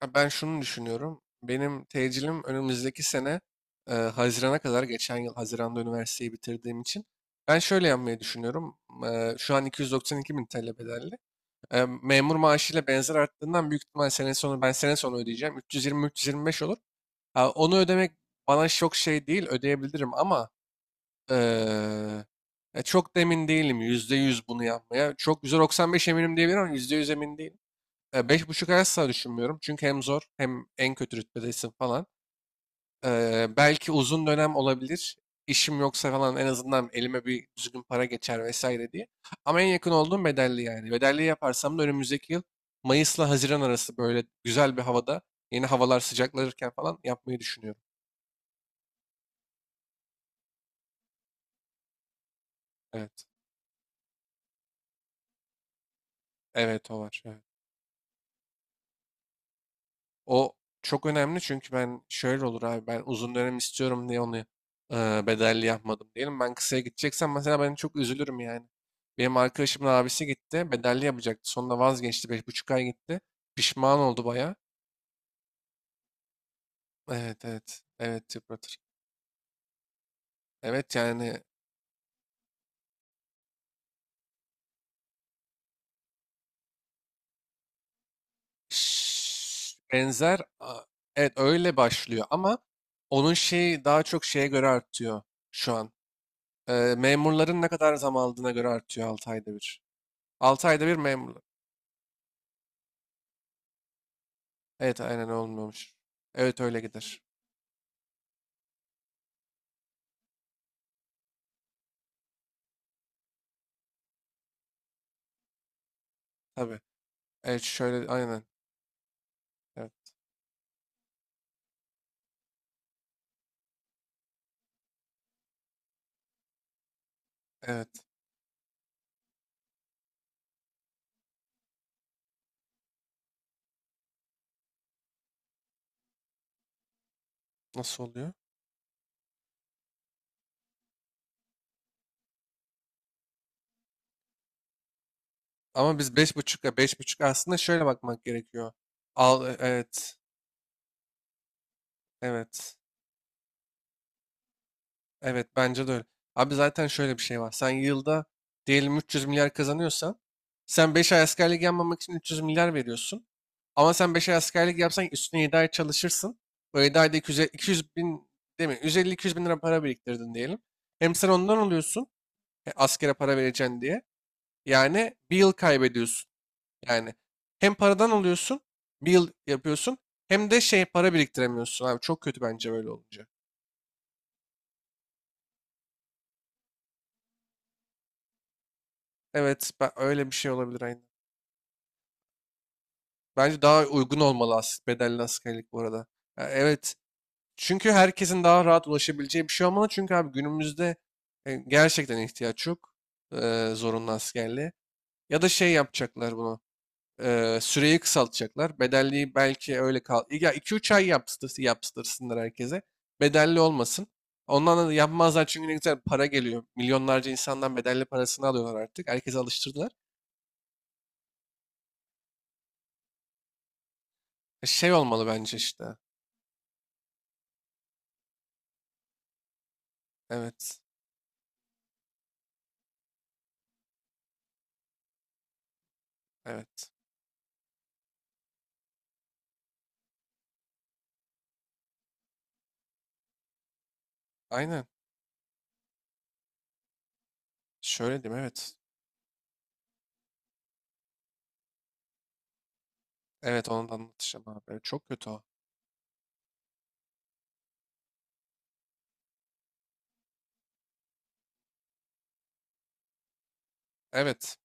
Ha, ben şunu düşünüyorum. Benim tecilim önümüzdeki sene Haziran'a kadar geçen yıl Haziran'da üniversiteyi bitirdiğim için ben şöyle yapmayı düşünüyorum. Şu an 292 bin TL bedelli. Memur maaşıyla benzer arttığından büyük ihtimal sene sonu ben sene sonu ödeyeceğim. 320-325 olur. Ha, onu ödemek bana çok şey değil, ödeyebilirim ama e, çok da emin değilim yüzde yüz bunu yapmaya. Çok %95 eminim diyebilirim ama %100 emin değilim. Beş buçuk asla düşünmüyorum. Çünkü hem zor, hem en kötü rütbedesin falan. Belki uzun dönem olabilir. İşim yoksa falan en azından elime bir düzgün para geçer vesaire diye. Ama en yakın olduğum bedelli yani. Bedelli yaparsam da önümüzdeki yıl Mayıs'la Haziran arası böyle güzel bir havada, yeni havalar sıcaklanırken falan yapmayı düşünüyorum. Evet. Evet, o var. Evet. O çok önemli, çünkü ben şöyle olur abi, ben uzun dönem istiyorum diye onu bedelli yapmadım diyelim. Ben kısaya gideceksem mesela, ben çok üzülürüm yani. Benim arkadaşımın abisi gitti, bedelli yapacaktı. Sonunda vazgeçti, beş buçuk ay gitti. Pişman oldu baya. Evet evet evet, yıpratır. Evet yani. şş, benzer a- evet, öyle başlıyor ama onun şeyi daha çok şeye göre artıyor şu an. Memurların ne kadar zam aldığına göre artıyor 6 ayda bir. 6 ayda bir memur. Evet, aynen olmuyormuş. Evet, öyle gider. Tabii. Evet, şöyle aynen. Evet. Evet. Nasıl oluyor? Ama biz beş buçuk ya, beş buçuk aslında şöyle bakmak gerekiyor. Evet. Evet. Evet, bence de öyle. Abi zaten şöyle bir şey var. Sen yılda diyelim 300 milyar kazanıyorsan, sen 5 ay askerlik yapmamak için 300 milyar veriyorsun. Ama sen 5 ay askerlik yapsan üstüne 7 ay çalışırsın. O yedi ayda 200, 200 bin, değil mi? 150-200 bin lira para biriktirdin diyelim. Hem sen ondan alıyorsun, askere para vereceksin diye. Yani bir yıl kaybediyorsun. Yani hem paradan alıyorsun, bir yıl yapıyorsun, hem de şey para biriktiremiyorsun abi. Çok kötü bence böyle olunca. Evet, öyle bir şey olabilir aynen. Bence daha uygun olmalı bedelli askerlik bu arada. Ya evet. Çünkü herkesin daha rahat ulaşabileceği bir şey olmalı. Çünkü abi günümüzde gerçekten ihtiyaç yok zorunlu askerliğe. Ya da şey yapacaklar bunu. Süreyi kısaltacaklar. Bedelliği belki öyle kal. Ya 2-3 ay yaptırsınlar herkese. Bedelli olmasın. Ondan da yapmazlar çünkü ne güzel para geliyor. Milyonlarca insandan bedelli parasını alıyorlar artık. Herkese alıştırdılar. Şey olmalı bence işte. Evet. Evet. Aynen. Şöyle diyeyim, evet. Evet, onu da anlatacağım abi. Evet, çok kötü o. Evet.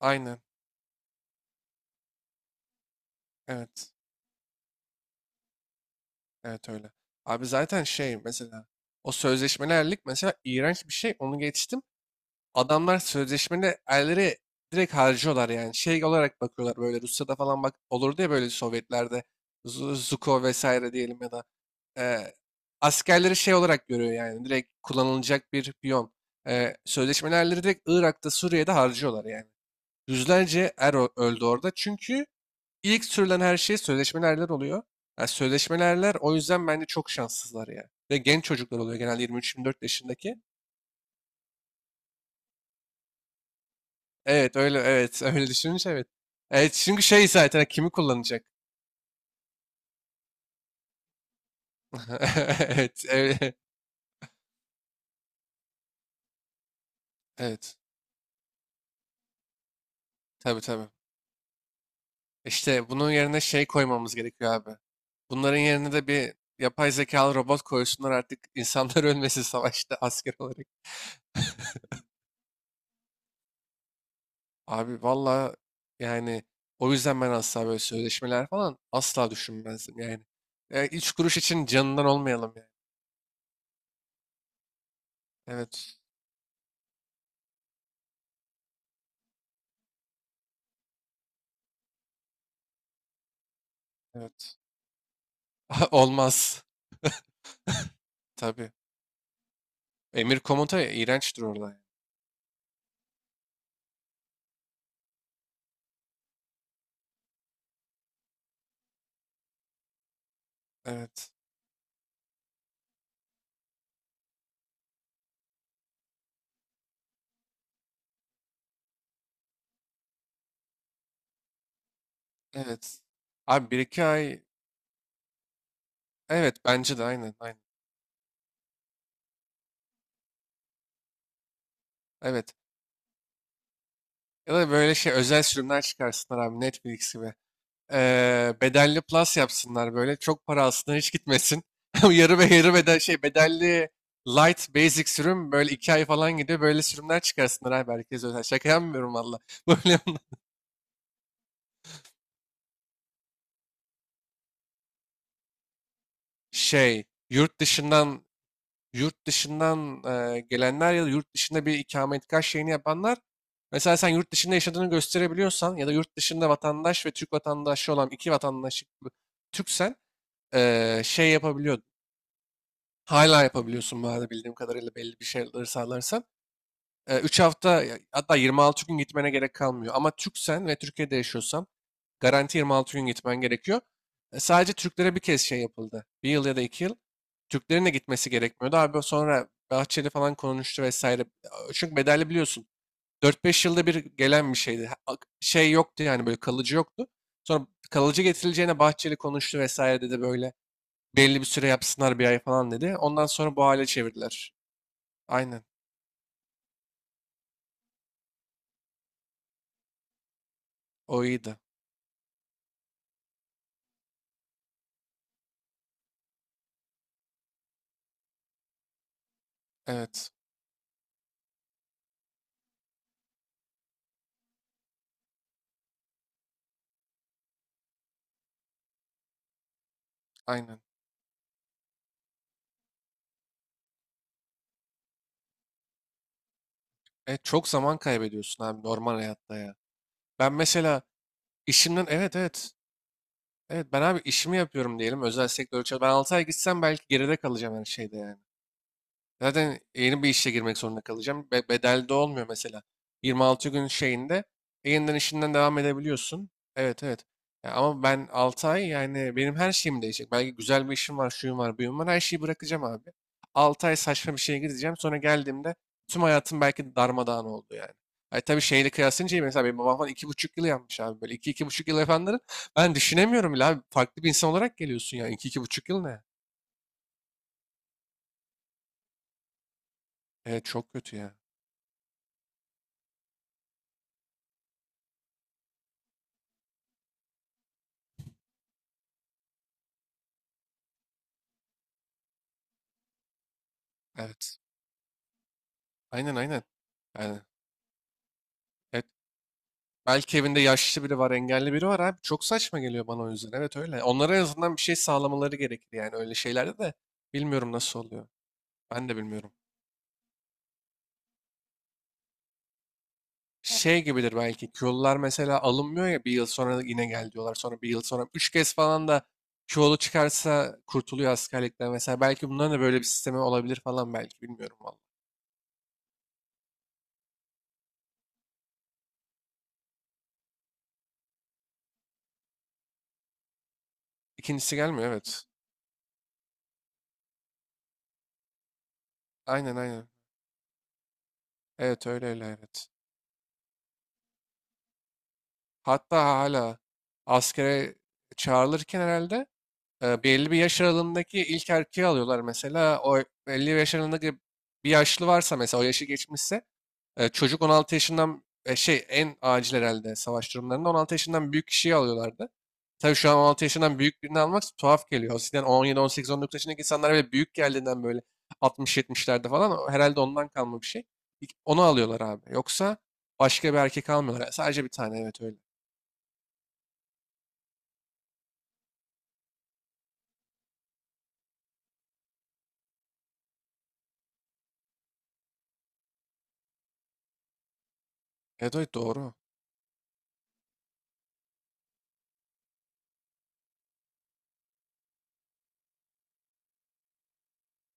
Aynen. Evet. Evet, öyle. Abi zaten şey mesela, o sözleşmelerlik mesela iğrenç bir şey. Onu geçtim. Adamlar sözleşmeli erleri direkt harcıyorlar yani. Şey olarak bakıyorlar, böyle Rusya'da falan bak olurdu ya, böyle Sovyetlerde Zuko vesaire diyelim, ya da e, askerleri şey olarak görüyor yani, direkt kullanılacak bir piyon. Sözleşmeli erleri direkt Irak'ta, Suriye'de harcıyorlar yani. Yüzlerce er öldü orada, çünkü ilk sürülen her şey sözleşmeli erler oluyor. Yani sözleşmeli erler o yüzden bence çok şanssızlar ya. Ve genç çocuklar oluyor genelde, 23-24 yaşındaki. Evet öyle, evet, öyle düşününce evet. Evet, çünkü şey zaten hani, kimi kullanacak? Evet evet evet, tabii tabii. İşte bunun yerine şey koymamız gerekiyor abi. Bunların yerine de bir yapay zekalı robot koysunlar artık, insanlar ölmesin savaşta asker olarak. Abi valla yani, o yüzden ben asla böyle sözleşmeler falan asla düşünmezdim yani. Üç kuruş için canından olmayalım yani. Evet evet. Olmaz tabii. Emir komuta iğrençtir orada. Evet. Evet. Abi bir iki ay, evet bence de aynen aynen. Evet. Ya da böyle şey özel sürümler çıkarsınlar abi, Netflix gibi. Bedelli plus yapsınlar böyle. Çok para aslında, hiç gitmesin. Yarı ve yarı bedel, şey bedelli light basic sürüm, böyle 2 ay falan gidiyor. Böyle sürümler çıkarsınlar abi, herkes özel. Şaka yapmıyorum valla. Böyle şey, yurt dışından yurt dışından gelenler ya da yurt dışında bir ikametgah şeyini yapanlar, mesela sen yurt dışında yaşadığını gösterebiliyorsan ya da yurt dışında vatandaş ve Türk vatandaşı olan, iki vatandaşlık Türksen şey yapabiliyordun. Hala yapabiliyorsun bu arada, bildiğim kadarıyla belli bir şeyleri sağlarsan. 3 hafta hatta 26 gün gitmene gerek kalmıyor. Ama Türksen ve Türkiye'de yaşıyorsan garanti 26 gün gitmen gerekiyor. Sadece Türklere bir kez şey yapıldı, bir yıl ya da iki yıl. Türklerin de gitmesi gerekmiyordu. Abi sonra Bahçeli falan konuştu vesaire. Çünkü bedelli biliyorsun, dört beş yılda bir gelen bir şeydi. Şey yoktu yani, böyle kalıcı yoktu. Sonra kalıcı getirileceğine Bahçeli konuştu vesaire, dedi böyle. Belli bir süre yapsınlar, bir ay falan dedi. Ondan sonra bu hale çevirdiler. Aynen. O iyiydi. Evet. Aynen. Çok zaman kaybediyorsun abi, normal hayatta ya. Ben mesela işimden, evet evet. Evet ben abi, işimi yapıyorum diyelim özel sektör için. Ben 6 ay gitsem belki geride kalacağım her şeyde yani. Zaten yeni bir işe girmek zorunda kalacağım. Bedelde olmuyor mesela. 26 gün şeyinde yeniden işinden devam edebiliyorsun. Evet evet. Ya ama ben 6 ay, yani benim her şeyim değişecek. Belki güzel bir işim var, şuyum var, buyum var. Her şeyi bırakacağım abi. 6 ay saçma bir şeye gideceğim. Sonra geldiğimde tüm hayatım belki darmadağın oldu yani. Ay tabii şeyle kıyaslayınca iyi. Mesela benim babam falan iki buçuk yıl yapmış abi. Böyle iki buçuk yıl yapanları ben düşünemiyorum bile abi. Farklı bir insan olarak geliyorsun ya. İki iki buçuk yıl ne? Evet, çok kötü ya. Evet. Aynen aynen. Yani, evet. Belki evinde yaşlı biri var, engelli biri var abi. Çok saçma geliyor bana o yüzden. Evet öyle. Onlara en azından bir şey sağlamaları gerekir yani, öyle şeylerde de. Bilmiyorum nasıl oluyor. Ben de bilmiyorum. Şey gibidir belki. Kyolular mesela alınmıyor ya, bir yıl sonra yine gel diyorlar. Sonra bir yıl sonra. Üç kez falan da Kyolu çıkarsa kurtuluyor askerlikten mesela. Belki bunların da böyle bir sistemi olabilir falan belki. Bilmiyorum vallahi. İkincisi gelmiyor, evet. Aynen aynen. Evet öyle öyle, evet. Hatta hala askere çağrılırken herhalde belli bir yaş aralığındaki ilk erkeği alıyorlar mesela. O 50 yaş aralığındaki bir yaşlı varsa mesela, o yaşı geçmişse, çocuk 16 yaşından, şey, en acil herhalde savaş durumlarında 16 yaşından büyük kişiyi alıyorlardı. Tabii şu an 16 yaşından büyük birini almak tuhaf geliyor. Eskiden on yedi on sekiz on dokuz yaşındaki insanlar böyle büyük geldiğinden, böyle altmış 70'lerde falan, o herhalde ondan kalma bir şey. İlk onu alıyorlar abi. Yoksa başka bir erkek almıyorlar. Sadece bir tane, evet öyle. Evet, evet doğru.